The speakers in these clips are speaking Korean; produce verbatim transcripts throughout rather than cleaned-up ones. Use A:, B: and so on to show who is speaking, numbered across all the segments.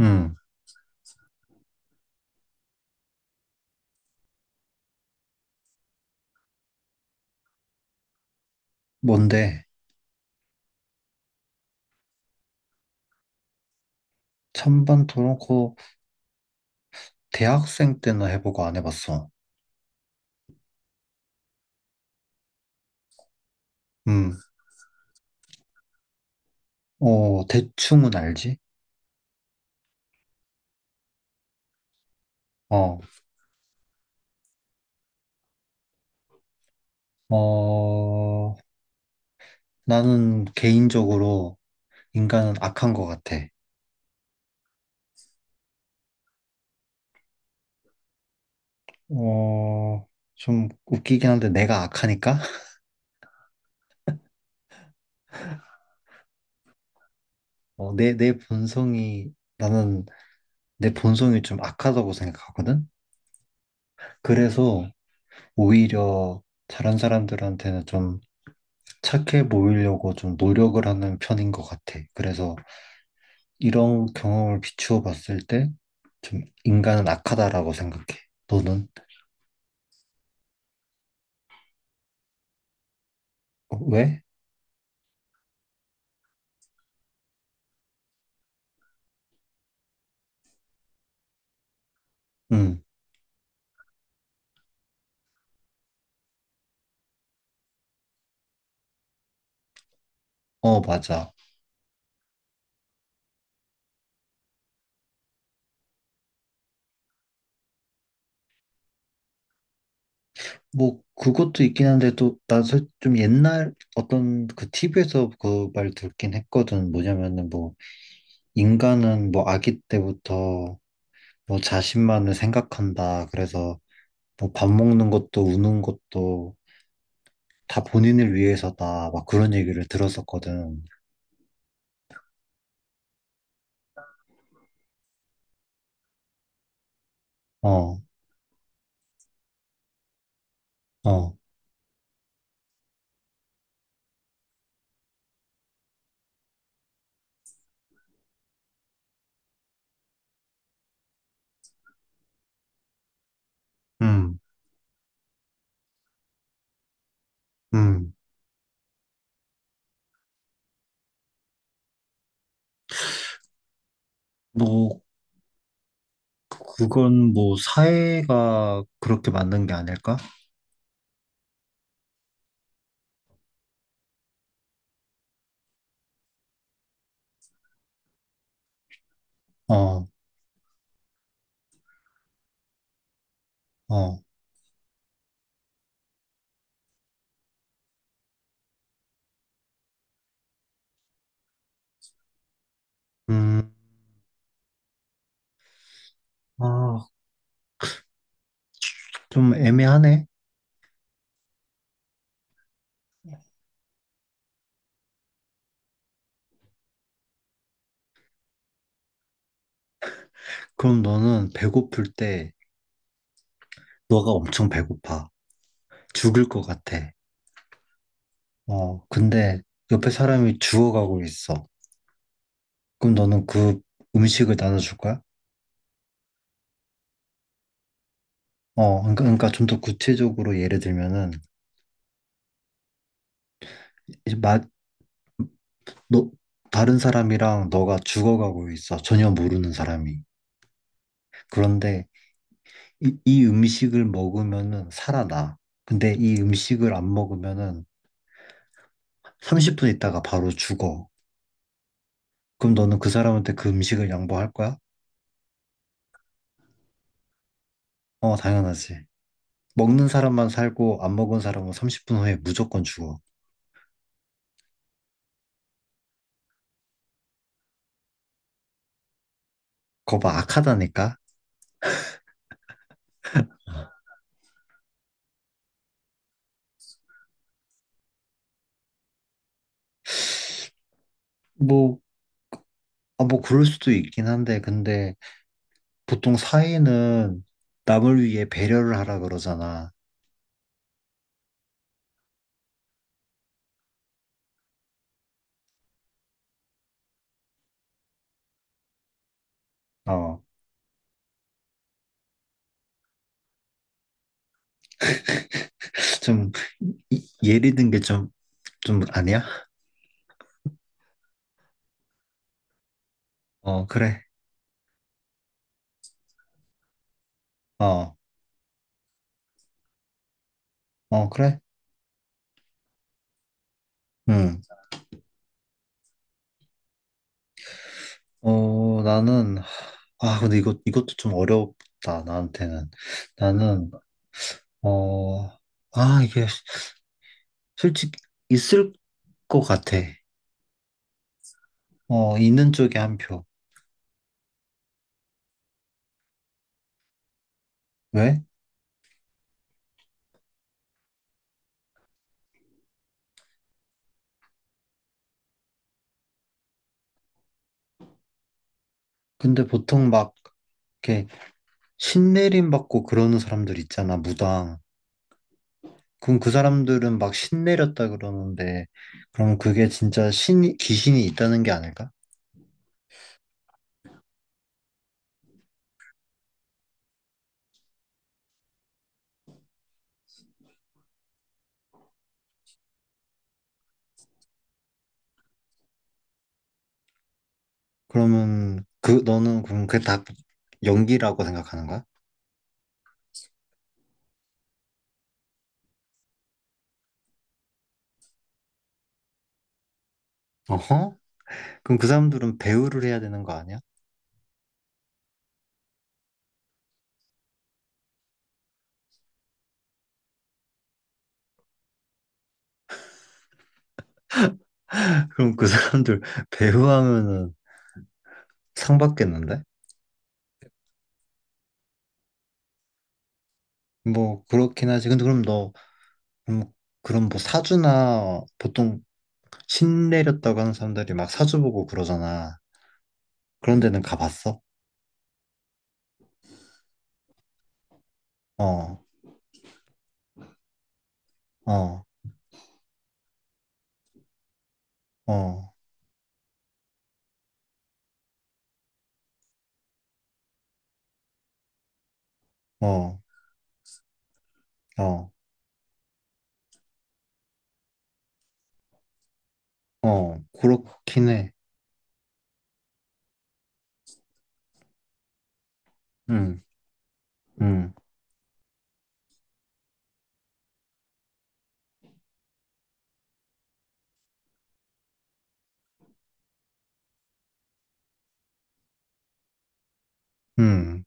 A: 음, 뭔데? 찬반 토론 코 대학생 때는 해보고 안 해봤어. 음, 어, 대충은 알지? 어, 어, 나는 개인적으로 인간은 악한 것 같아. 어, 좀 웃기긴 한데 내가 악하니까? 어, 내, 내 본성이, 나는 내 본성이 좀 악하다고 생각하거든? 그래서 오히려 다른 사람들한테는 좀 착해 보이려고 좀 노력을 하는 편인 것 같아. 그래서 이런 경험을 비추어 봤을 때, 좀 인간은 악하다라고 생각해. 너는? 어, 왜? 응, 어, 맞아. 뭐, 그것도 있긴 한데, 또, 난좀 옛날 어떤 그 티비에서 그 말 듣긴 했거든. 뭐냐면은 뭐, 인간은 뭐, 아기 때부터 뭐, 자신만을 생각한다. 그래서 뭐, 밥 먹는 것도 우는 것도 다 본인을 위해서다. 막 그런 얘기를 들었었거든. 어, 어, 음, 음. 뭐, 그건 뭐 사회가 그렇게 만든 게 아닐까? 어, 어, 음, 아, 좀 애매하네. 그럼 너는 배고플 때, 너가 엄청 배고파, 죽을 것 같아. 어, 근데 옆에 사람이 죽어가고 있어. 그럼 너는 그 음식을 나눠줄 거야? 어, 그러니까, 그러니까 좀 더 구체적으로 예를 들면은, 이제 마, 너, 다른 사람이랑 너가 죽어가고 있어. 전혀 모르는 사람이. 그런데 이, 이 음식을 먹으면은 살아나. 근데 이 음식을 안 먹으면은 삼십 분 있다가 바로 죽어. 그럼 너는 그 사람한테 그 음식을 양보할 거야? 어, 당연하지. 먹는 사람만 살고 안 먹은 사람은 삼십 분 후에 무조건 죽어. 그거 봐, 악하다니까? 뭐, 아, 뭐 그럴 수도 있긴 한데, 근데 보통 사회는 남을 위해 배려를 하라 그러잖아. 어, 좀, 이- 예리 든 게 좀, 좀 아니야? 어, 그래. 어, 어, 그래? 응. 어, 나는, 아, 근데 이것, 이것도 좀 어렵다, 나한테는. 나는, 어, 아, 이게 솔직히 있을 것 같아. 어, 있는 쪽에 한 표. 왜? 근데 보통 막, 이렇게 신내림 받고 그러는 사람들 있잖아, 무당. 그럼 그 사람들은 막 신내렸다 그러는데, 그럼 그게 진짜 신, 귀신이 있다는 게 아닐까? 그러면, 그, 너는 그럼 그게 다 연기라고 생각하는 거야? 어허? 그럼 그 사람들은 배우를 해야 되는 거 아니야? 그럼 그 사람들 배우하면은 상 받겠는데? 뭐 그렇긴 하지. 근데 그럼 너 그럼, 그럼 뭐 사주나 보통 신 내렸다고 하는 사람들이 막 사주 보고 그러잖아. 그런 데는 가봤어? 어, 어, 어, 어, 어, 어, 그렇긴 해. 응, 응, 응.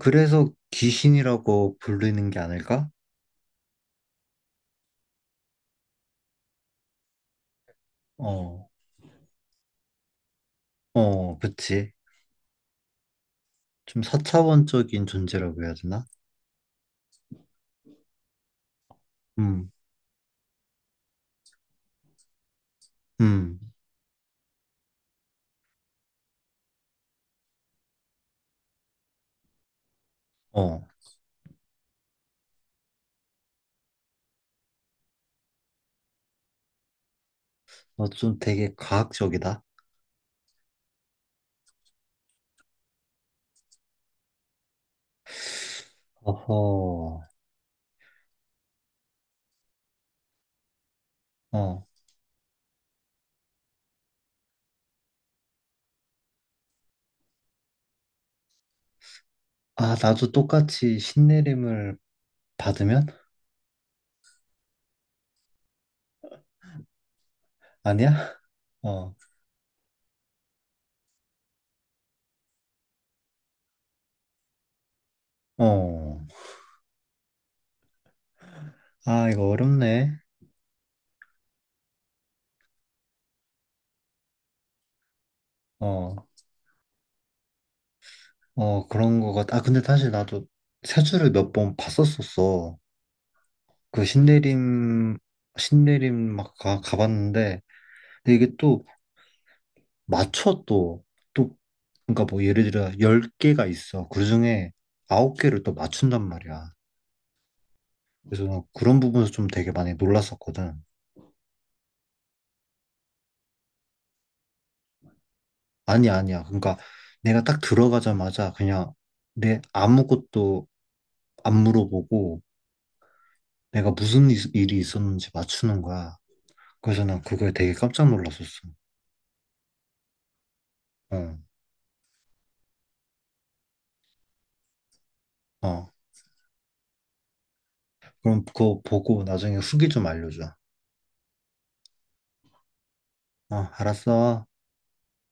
A: 그래서 귀신이라고 부르는 게 아닐까? 어, 어, 그치. 좀 사차원적인 존재라고 해야 되나? 음, 음, 어, 어, 좀 되게 과학적이다. 어허, 어, 아, 나도 똑같이 신내림을 받으면? 아니야? 어, 어, 아, 이거 어렵네. 어, 어, 그런 거 같아. 아, 근데 사실 나도 세주를 몇 번 봤었었어. 그 신내림, 신내림 막 가, 가봤는데, 근데 이게 또 맞춰 또, 또, 그러니까 뭐 예를 들어 열 개가 있어. 그 중에 아홉 개를 또 맞춘단 말이야. 그래서 난 그런 부분에서 좀 되게 많이 놀랐었거든. 아니, 야 아니야. 그러니까 내가 딱 들어가자마자 그냥 내 아무것도 안 물어보고 내가 무슨 일- 일이 있었는지 맞추는 거야. 그래서 난 그거에 되게 깜짝 놀랐었어. 어, 어. 그럼 그거 보고 나중에 후기 좀 알려줘. 어, 알았어.